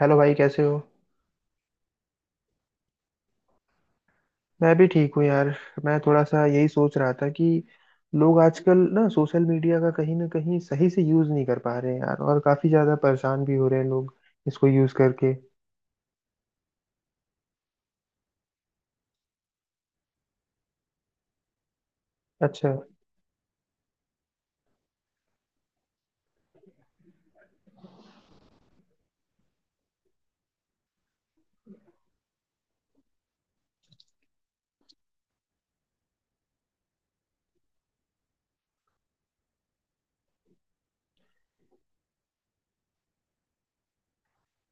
Hello भाई, कैसे हो? मैं भी ठीक हूँ यार। मैं थोड़ा सा यही सोच रहा था कि लोग आजकल ना सोशल मीडिया का कहीं ना कहीं सही से यूज़ नहीं कर पा रहे हैं यार, और काफ़ी ज़्यादा परेशान भी हो रहे हैं लोग इसको यूज़ करके। अच्छा।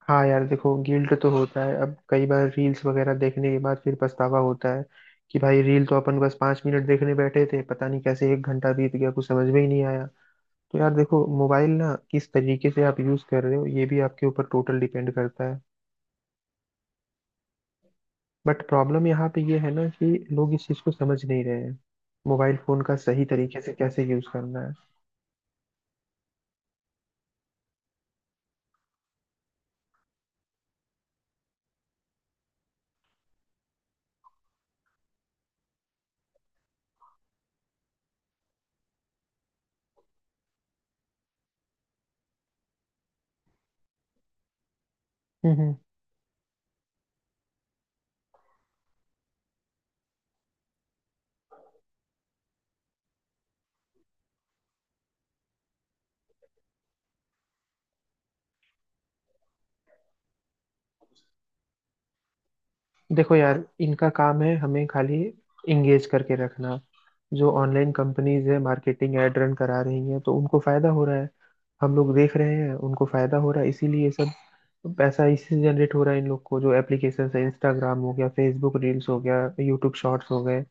हाँ यार, देखो गिल्ट तो होता है, अब कई बार रील्स वगैरह देखने के बाद फिर पछतावा होता है कि भाई रील तो अपन बस 5 मिनट देखने बैठे थे, पता नहीं कैसे एक घंटा बीत गया, कुछ समझ में ही नहीं आया। तो यार देखो, मोबाइल ना किस तरीके से आप यूज़ कर रहे हो, ये भी आपके ऊपर टोटल डिपेंड करता है। बट प्रॉब्लम यहाँ पे ये है ना कि लोग इस चीज को समझ नहीं रहे हैं, मोबाइल फोन का सही तरीके से कैसे यूज करना है। हम्म हम्म। देखो यार, इनका काम है हमें खाली इंगेज करके रखना। जो ऑनलाइन कंपनीज है, मार्केटिंग ऐड रन करा रही हैं, तो उनको फायदा हो रहा है। हम लोग देख रहे हैं, उनको फायदा हो रहा है, इसीलिए ये सब पैसा इससे जनरेट हो रहा है इन लोग को। जो एप्लीकेशन है, इंस्टाग्राम हो गया, फेसबुक रील्स हो गया, यूट्यूब शॉर्ट्स हो गए,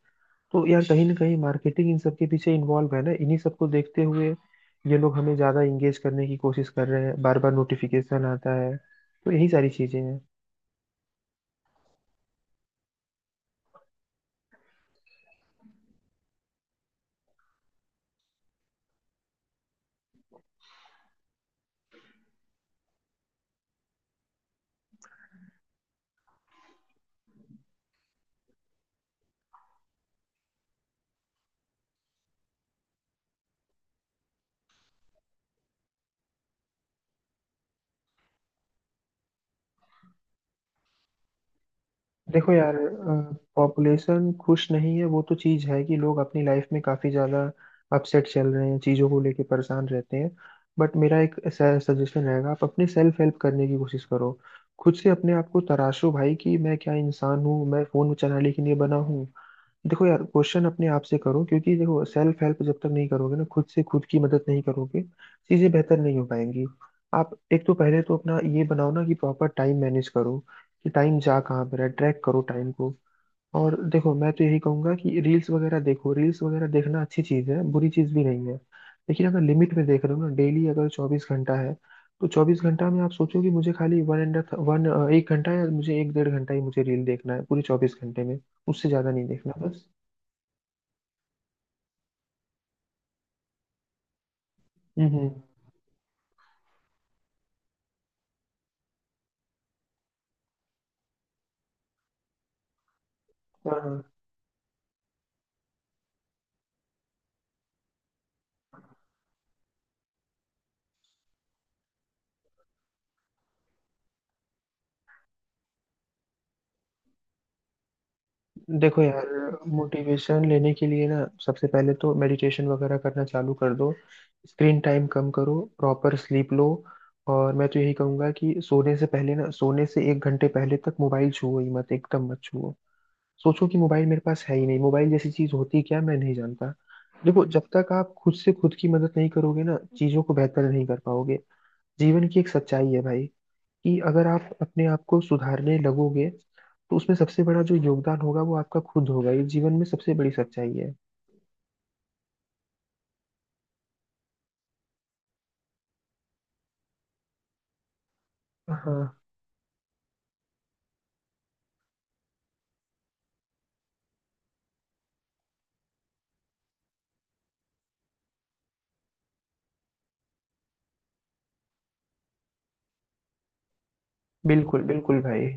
तो यार कहीं ना कहीं मार्केटिंग इन सब के पीछे इन्वॉल्व है ना। इन्हीं सबको देखते हुए ये लोग हमें ज्यादा इंगेज करने की कोशिश कर रहे हैं, बार बार नोटिफिकेशन आता है, तो यही सारी चीजें हैं। देखो यार, पॉपुलेशन खुश नहीं है वो तो चीज है, कि लोग अपनी लाइफ में काफी ज्यादा अपसेट चल रहे हैं, चीजों को लेके परेशान रहते हैं। बट मेरा एक सजेशन रहेगा, आप अपने सेल्फ हेल्प करने की कोशिश करो। खुद से अपने आप को तराशो भाई कि मैं क्या इंसान हूँ, मैं फोन चलाने के लिए बना हूँ? देखो यार, क्वेश्चन अपने आप से करो, क्योंकि देखो सेल्फ हेल्प जब तक नहीं करोगे ना, खुद से खुद की मदद नहीं करोगे, चीजें बेहतर नहीं हो पाएंगी। आप एक तो पहले तो अपना ये बनाओ ना कि प्रॉपर टाइम मैनेज करो, कि टाइम जा कहाँ पर है, ट्रैक करो टाइम को। और देखो मैं तो यही कहूंगा कि रील्स वगैरह देखो, रील्स वगैरह देखना अच्छी चीज है, बुरी चीज भी नहीं है, लेकिन अगर लिमिट में देख रहे हो ना। डेली अगर 24 घंटा है, तो 24 घंटा में आप सोचो कि मुझे खाली वन एंड वन, एक घंटा या मुझे एक 1.5 घंटा ही मुझे रील देखना है पूरे 24 घंटे में, उससे ज्यादा नहीं देखना बस। हम्म हाँ। देखो यार, मोटिवेशन लेने के लिए ना सबसे पहले तो मेडिटेशन वगैरह करना चालू कर दो, स्क्रीन टाइम कम करो, प्रॉपर स्लीप लो। और मैं तो यही कहूंगा कि सोने से पहले ना, सोने से एक घंटे पहले तक मोबाइल छुओ ही मत, एकदम मत छुओ। सोचो कि मोबाइल मेरे पास है ही नहीं, मोबाइल जैसी चीज होती क्या मैं नहीं जानता। देखो, जब तक आप खुद से खुद की मदद नहीं करोगे ना, चीजों को बेहतर नहीं कर पाओगे। जीवन की एक सच्चाई है भाई कि अगर आप अपने आप को सुधारने लगोगे, तो उसमें सबसे बड़ा जो योगदान होगा वो आपका खुद होगा। ये जीवन में सबसे बड़ी सच्चाई है। हाँ। बिल्कुल बिल्कुल भाई।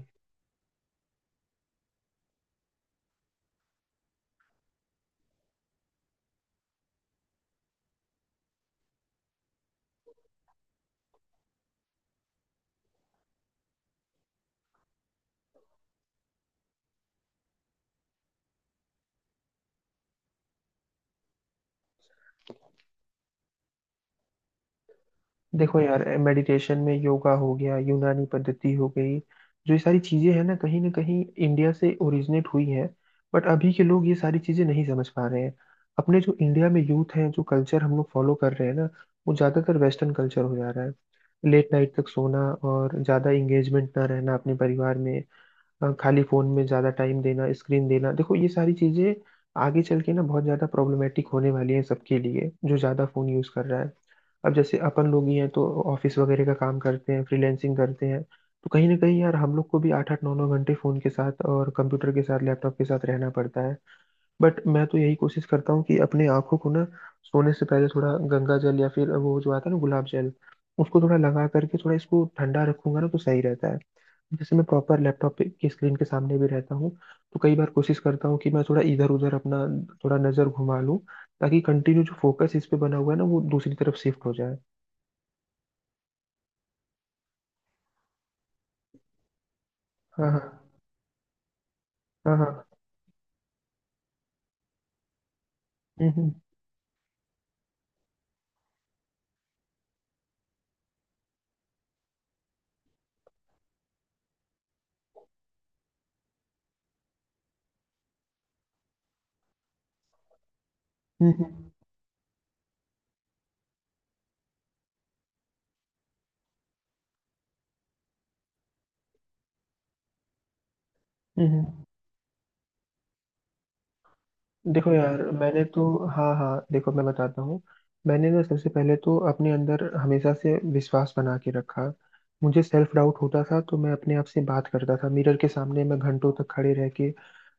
देखो यार, मेडिटेशन में योगा हो गया, यूनानी पद्धति हो गई, जो ये सारी चीजें हैं ना, कहीं ना कहीं इंडिया से ओरिजिनेट हुई हैं। बट अभी के लोग ये सारी चीजें नहीं समझ पा रहे हैं। अपने जो इंडिया में यूथ हैं, जो कल्चर हम लोग फॉलो कर रहे हैं ना, वो ज्यादातर वेस्टर्न कल्चर हो जा रहा है। लेट नाइट तक सोना, और ज्यादा इंगेजमेंट ना रहना अपने परिवार में, खाली फोन में ज्यादा टाइम देना, स्क्रीन देना। देखो ये सारी चीजें आगे चल के ना बहुत ज्यादा प्रॉब्लमेटिक होने वाली है सबके लिए जो ज्यादा फोन यूज कर रहा है। अब जैसे अपन लोग ही हैं, तो ऑफिस वगैरह का काम करते हैं, फ्रीलैंसिंग करते हैं, तो कहीं ना कहीं यार हम लोग को भी आठ आठ नौ नौ घंटे फोन के साथ और कंप्यूटर के साथ, लैपटॉप के साथ रहना पड़ता है। बट मैं तो यही कोशिश करता हूँ कि अपने आंखों को ना, सोने से पहले थोड़ा गंगा जल या फिर वो जो आता है ना, गुलाब जल, उसको थोड़ा लगा करके थोड़ा इसको ठंडा रखूंगा ना, तो सही रहता है। जैसे मैं प्रॉपर लैपटॉप पे की स्क्रीन के सामने भी रहता हूँ, तो कई बार कोशिश करता हूँ कि मैं थोड़ा इधर उधर अपना थोड़ा नज़र घुमा लूँ, ताकि कंटिन्यू जो फोकस इस पे बना हुआ है ना, वो दूसरी तरफ शिफ्ट हो जाए। हाँ हाँ। हाँ हाँ। हम्म। हम्म हम्म। देखो यार, मैंने तो हाँ हाँ, देखो मैं बताता हूँ। मैंने ना सबसे पहले तो अपने अंदर हमेशा से विश्वास बना के रखा। मुझे सेल्फ डाउट होता था, तो मैं अपने आप से बात करता था मिरर के सामने, मैं घंटों तक खड़े रह के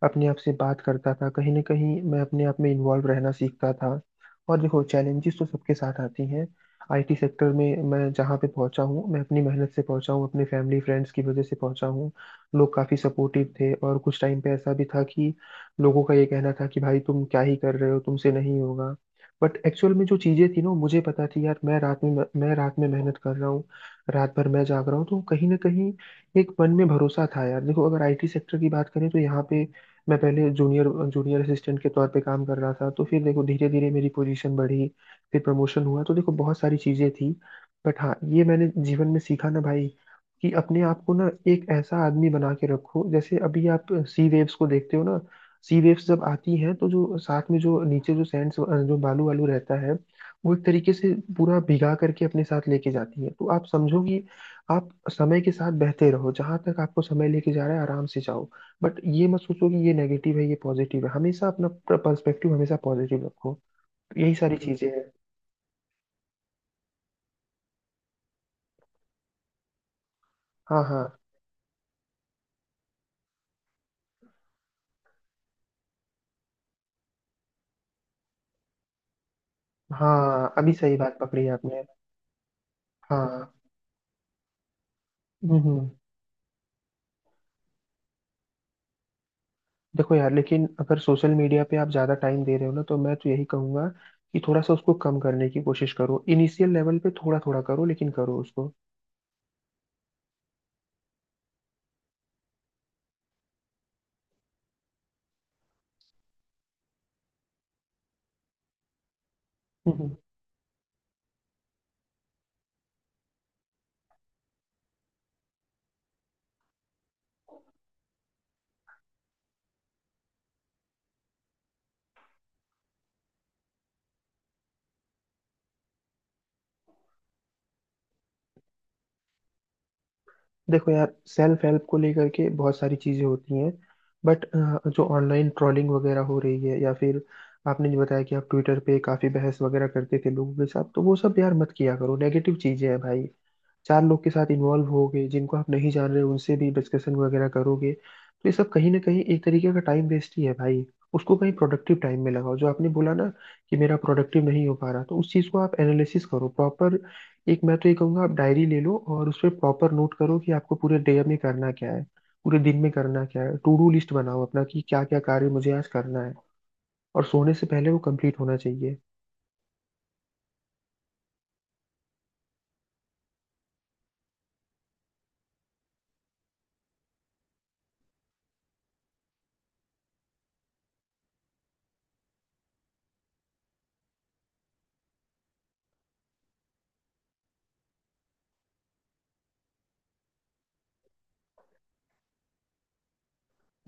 अपने आप से बात करता था। कहीं ना कहीं मैं अपने आप में इन्वॉल्व रहना सीखता था। और देखो चैलेंजेस तो सबके साथ आती हैं। आईटी सेक्टर में मैं जहाँ पे पहुँचा हूँ, मैं अपनी मेहनत से पहुँचा हूँ, अपने फैमिली फ्रेंड्स की वजह से पहुँचा हूँ। लोग काफ़ी सपोर्टिव थे, और कुछ टाइम पे ऐसा भी था कि लोगों का ये कहना था कि भाई तुम क्या ही कर रहे हो, तुमसे नहीं होगा। बट एक्चुअल में जो चीजें थी ना, वो मुझे पता थी यार। मैं रात में मेहनत कर रहा हूँ, रात भर मैं जाग रहा हूँ, तो कहीं ना कहीं एक मन में भरोसा था यार। देखो अगर आईटी सेक्टर की बात करें, तो यहाँ पे मैं पहले जूनियर जूनियर असिस्टेंट के तौर पे काम कर रहा था, तो फिर देखो धीरे धीरे मेरी पोजीशन बढ़ी, फिर प्रमोशन हुआ, तो देखो बहुत सारी चीजें थी। बट हाँ, ये मैंने जीवन में सीखा ना भाई, कि अपने आप को ना एक ऐसा आदमी बना के रखो, जैसे अभी आप सी वेव्स को देखते हो ना, सी वेव्स जब आती हैं, तो जो साथ में जो नीचे जो सैंड, जो बालू वालू रहता है, वो एक तरीके से पूरा भिगा करके अपने साथ लेके जाती है। तो आप समझो कि आप समय के साथ बहते रहो, जहां तक आपको समय लेके जा रहा है आराम से जाओ। बट ये मत सोचो कि ये नेगेटिव है ये पॉजिटिव है, हमेशा अपना पर्सपेक्टिव हमेशा पॉजिटिव रखो। तो यही सारी चीजें हैं। हाँ हाँ। हाँ अभी सही बात पकड़ी आपने। हाँ। हम्म। देखो यार, लेकिन अगर सोशल मीडिया पे आप ज़्यादा टाइम दे रहे हो ना, तो मैं तो यही कहूंगा कि थोड़ा सा उसको कम करने की कोशिश करो, इनिशियल लेवल पे थोड़ा थोड़ा करो, लेकिन करो उसको। हम्म। देखो यार, सेल्फ हेल्प को लेकर के बहुत सारी चीज़ें होती हैं, बट जो ऑनलाइन ट्रोलिंग वगैरह हो रही है या फिर आपने जो बताया कि आप ट्विटर पे काफ़ी बहस वगैरह करते थे लोगों के साथ, तो वो सब यार मत किया करो, नेगेटिव चीज़ें हैं भाई। चार लोग के साथ इन्वॉल्व होगे जिनको आप नहीं जान रहे, उनसे भी डिस्कशन वगैरह करोगे, तो ये सब कहीं ना कहीं एक तरीके का टाइम वेस्ट ही है भाई। उसको कहीं प्रोडक्टिव टाइम में लगाओ। जो आपने बोला ना कि मेरा प्रोडक्टिव नहीं हो पा रहा, तो उस चीज़ को आप एनालिसिस करो प्रॉपर। एक मैं तो ये कहूँगा, आप डायरी ले लो और उस पर प्रॉपर नोट करो कि आपको पूरे डे में करना क्या है, पूरे दिन में करना क्या है। टू डू लिस्ट बनाओ अपना कि क्या क्या कार्य मुझे आज करना है, और सोने से पहले वो कंप्लीट होना चाहिए।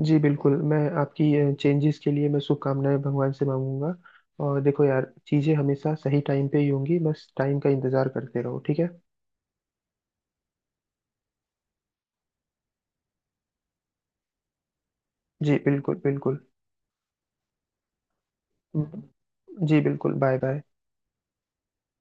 जी बिल्कुल, मैं आपकी चेंजेस के लिए मैं शुभकामनाएं भगवान से मांगूंगा। और देखो यार, चीज़ें हमेशा सही टाइम पे ही होंगी, बस टाइम का इंतज़ार करते रहो, ठीक है। जी बिल्कुल बिल्कुल। हम्म। जी बिल्कुल। Bye bye.